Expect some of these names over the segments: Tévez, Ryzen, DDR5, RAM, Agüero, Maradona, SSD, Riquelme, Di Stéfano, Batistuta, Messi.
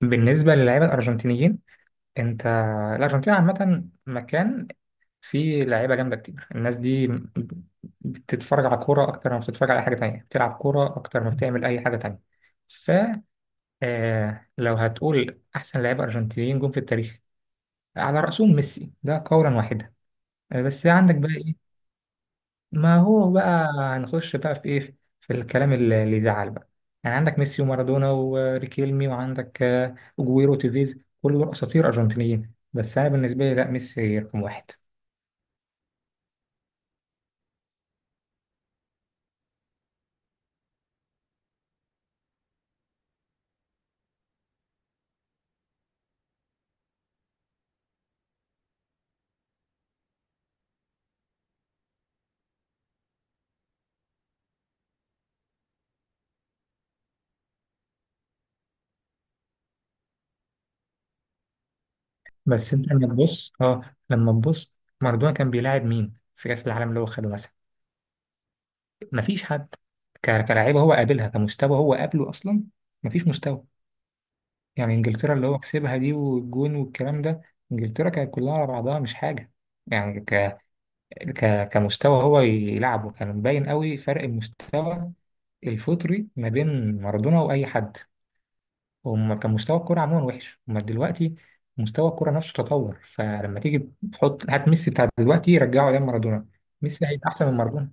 بالنسبة للاعيبة الأرجنتينيين، أنت الأرجنتين عامة مكان فيه لعيبة جامدة كتير. الناس دي بتتفرج على كورة أكتر ما بتتفرج على حاجة تانية، بتلعب كورة أكتر ما بتعمل أي حاجة تانية. ف آه، لو هتقول أحسن لعيبة أرجنتينيين جم في التاريخ، على رأسهم ميسي ده قولا واحدا. بس عندك بقى إيه؟ ما هو بقى هنخش بقى في ايه في الكلام اللي يزعل بقى. يعني عندك ميسي ومارادونا وريكيلمي، وعندك اجويرو وتيفيز، كل دول اساطير ارجنتينيين. بس انا بالنسبه لي لا، ميسي رقم واحد. بس انت لما تبص، اه لما تبص مارادونا كان بيلاعب مين في كاس العالم اللي هو خده مثلا؟ مفيش حد. كلاعيبه هو قابلها، كمستوى هو قابله اصلا مفيش مستوى. يعني انجلترا اللي هو كسبها دي والجون والكلام ده، انجلترا كانت كلها على بعضها مش حاجه. يعني كمستوى هو يلعبه كان مبين قوي فرق المستوى الفطري ما بين مارادونا واي حد. هم كان مستوى الكوره عموما وحش. هم دلوقتي مستوى الكوره نفسه تطور، فلما تيجي تحط هات ميسي بتاع دلوقتي رجعه ايام مارادونا، ميسي هيبقى احسن من مارادونا.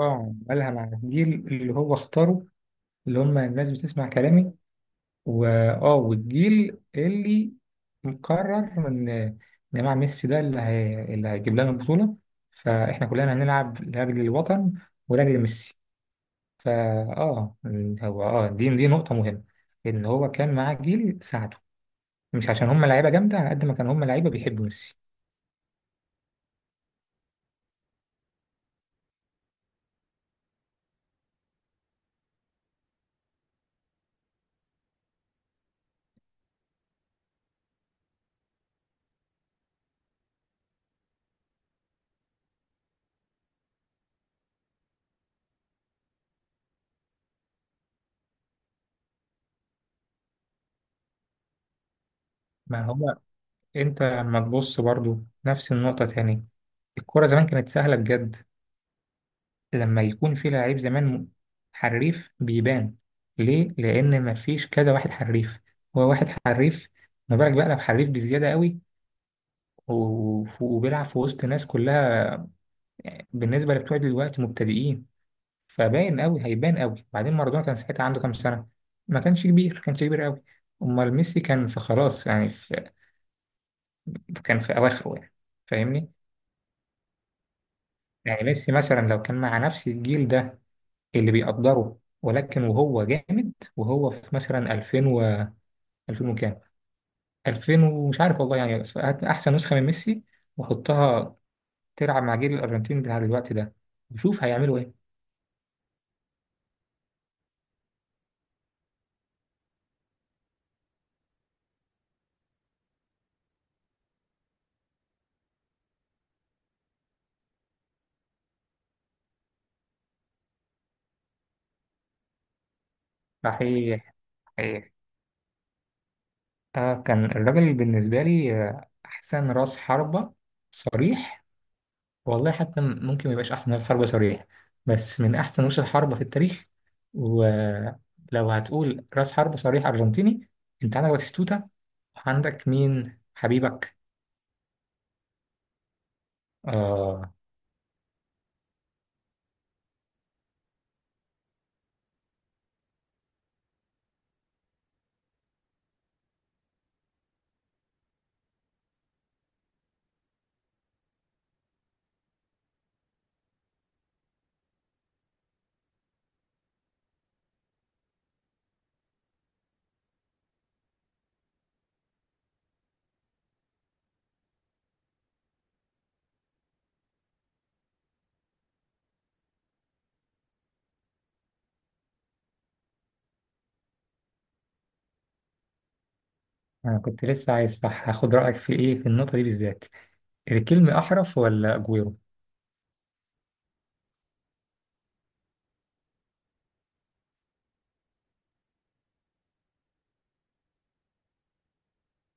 اه، عملها مع الجيل اللي هو اختاره، اللي هم الناس بتسمع كلامي، واه والجيل اللي مقرر إن جماعة ميسي ده اللي هيجيب لنا البطولة، فاحنا كلنا هنلعب لاجل الوطن ولاجل ميسي. فا اه هو دي نقطة مهمة، ان هو كان معاه جيل ساعده، مش عشان هم لعيبة جامدة، على قد ما كان هم لعيبة بيحبوا ميسي. ما هو انت لما تبص برضو نفس النقطة تاني، الكرة زمان كانت سهلة بجد. لما يكون في لعيب زمان حريف بيبان، ليه؟ لأن مفيش كذا واحد حريف، هو واحد حريف. ما بالك بقى لو حريف بزيادة قوي وبيلعب في وسط ناس كلها بالنسبة لبتوع دلوقتي مبتدئين؟ فباين قوي، هيبان قوي. بعدين مارادونا كان ساعتها عنده كام سنة؟ ما كانش كبير، كانش كبير قوي. أمال ميسي كان في خلاص، يعني في، كان في أواخره يعني، فاهمني؟ يعني ميسي مثلا لو كان مع نفس الجيل ده اللي بيقدره، ولكن وهو جامد وهو في مثلا 2000 و، 2000 وكام، 2000 ومش عارف والله يعني، بس هات احسن نسخه من ميسي وحطها تلعب مع جيل الارجنتين بتاع دلوقتي ده، وشوف هيعملوا ايه. صحيح، صحيح. آه، كان الراجل بالنسبه لي احسن راس حربه صريح. والله حتى ممكن ما يبقاش احسن رأس حربة صريح، بس من احسن رؤوس الحربة في التاريخ. ولو هتقول رأس حربة صريح ارجنتيني، انت عندك باتيستوتا، وعندك مين حبيبك؟ اه. انا كنت لسه عايز، صح، هاخد رأيك في ايه، في النقطة دي بالذات. الكلمة احرف ولا اجويرو؟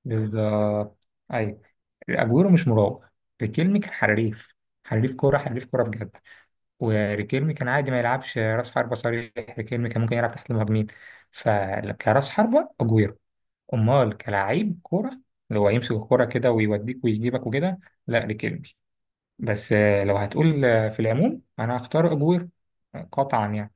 بالظبط، ايوه، اجويرو مش مراوغ، الكلمة كان حريف. حريف كورة، حريف كورة بجد. وريكيرمي كان عادي ما يلعبش راس حربة صريح، ريكيرمي كان ممكن يلعب تحت المهاجمين. فكراس حربة أجويرو. أمال كلاعب كورة اللي هو يمسك الكورة كده ويوديك ويجيبك وكده، لا ريكيرمي. بس لو هتقول في العموم أنا هختار أجويرو قطعا يعني.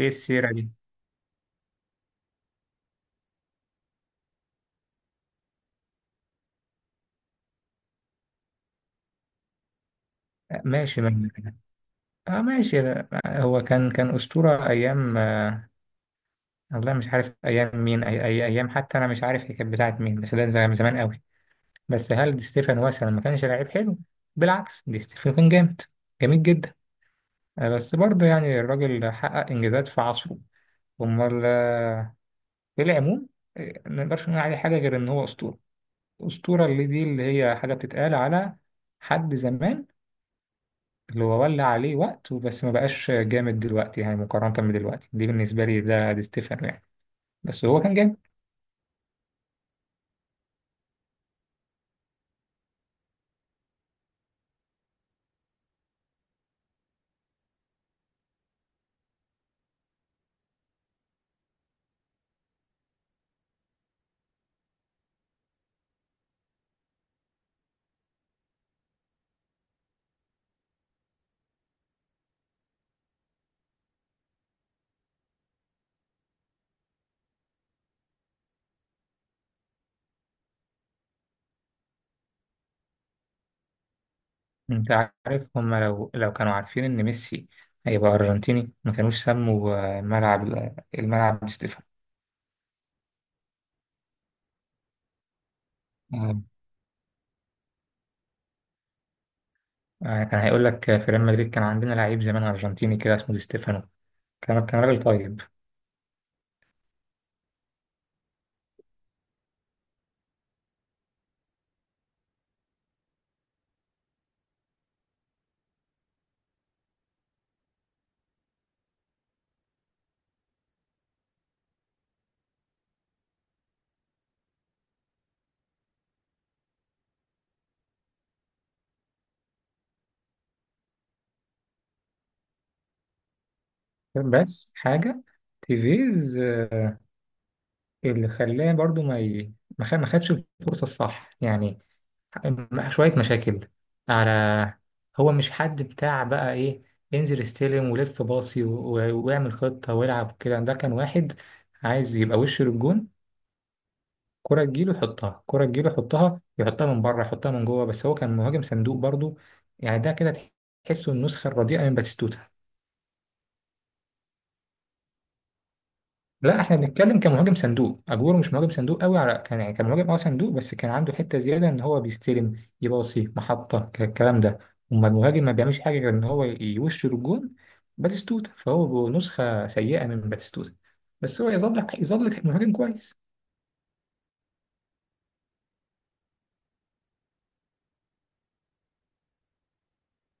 إيه السيرة دي؟ آه، ماشي من اه ماشي، هو كان، كان أسطورة أيام، والله مش عارف أيام مين، أي أيام حتى أنا مش عارف هي كانت بتاعت مين، بس ده من زمان قوي. بس هل دي ستيفانو مثلا ما كانش لعيب حلو؟ بالعكس، دي ستيفانو كان جامد، جميل جدا. بس برضه يعني الراجل حقق انجازات في عصره. امال في العموم ما نقدرش نقول عليه حاجه غير ان هو اسطوره. اسطوره اللي دي اللي هي حاجه بتتقال على حد زمان، اللي هو ولى عليه وقت وبس، ما بقاش جامد دلوقتي يعني مقارنه بدلوقتي، دي بالنسبه لي ده دي ستيفانو يعني، بس هو كان جامد. انت عارف هما لو كانوا عارفين ان ميسي هيبقى ارجنتيني ما كانوش سموا الملعب، الملعب دي ستيفانو. آه، كان هيقول لك في ريال مدريد كان عندنا لعيب زمان ارجنتيني كده اسمه دي ستيفانو، كان راجل طيب. بس حاجه، تيفيز اللي خلاه برضو ما ي... ما خد- ما خدش الفرصه الصح يعني، شوية مشاكل على، هو مش حد بتاع بقى إيه، انزل استلم ولف باصي واعمل خطة والعب كده. ده كان واحد عايز يبقى وش للجون، كرة تجيله يحطها، كرة تجيله يحطها، يحطها من بره يحطها من جوه، بس هو كان مهاجم صندوق برضو. يعني ده كده تحسه النسخة الرديئة من باتيستوتا. لا، احنا بنتكلم كمهاجم صندوق. اجويرو مش مهاجم صندوق قوي على كان، يعني كان مهاجم اه صندوق، بس كان عنده حته زياده ان هو بيستلم يباصي محطه الكلام ده. اما المهاجم ما بيعملش حاجه غير ان هو يوش الجون، باتيستوتا. فهو نسخه سيئه من باتيستوتا، بس هو يظل، يظل مهاجم كويس.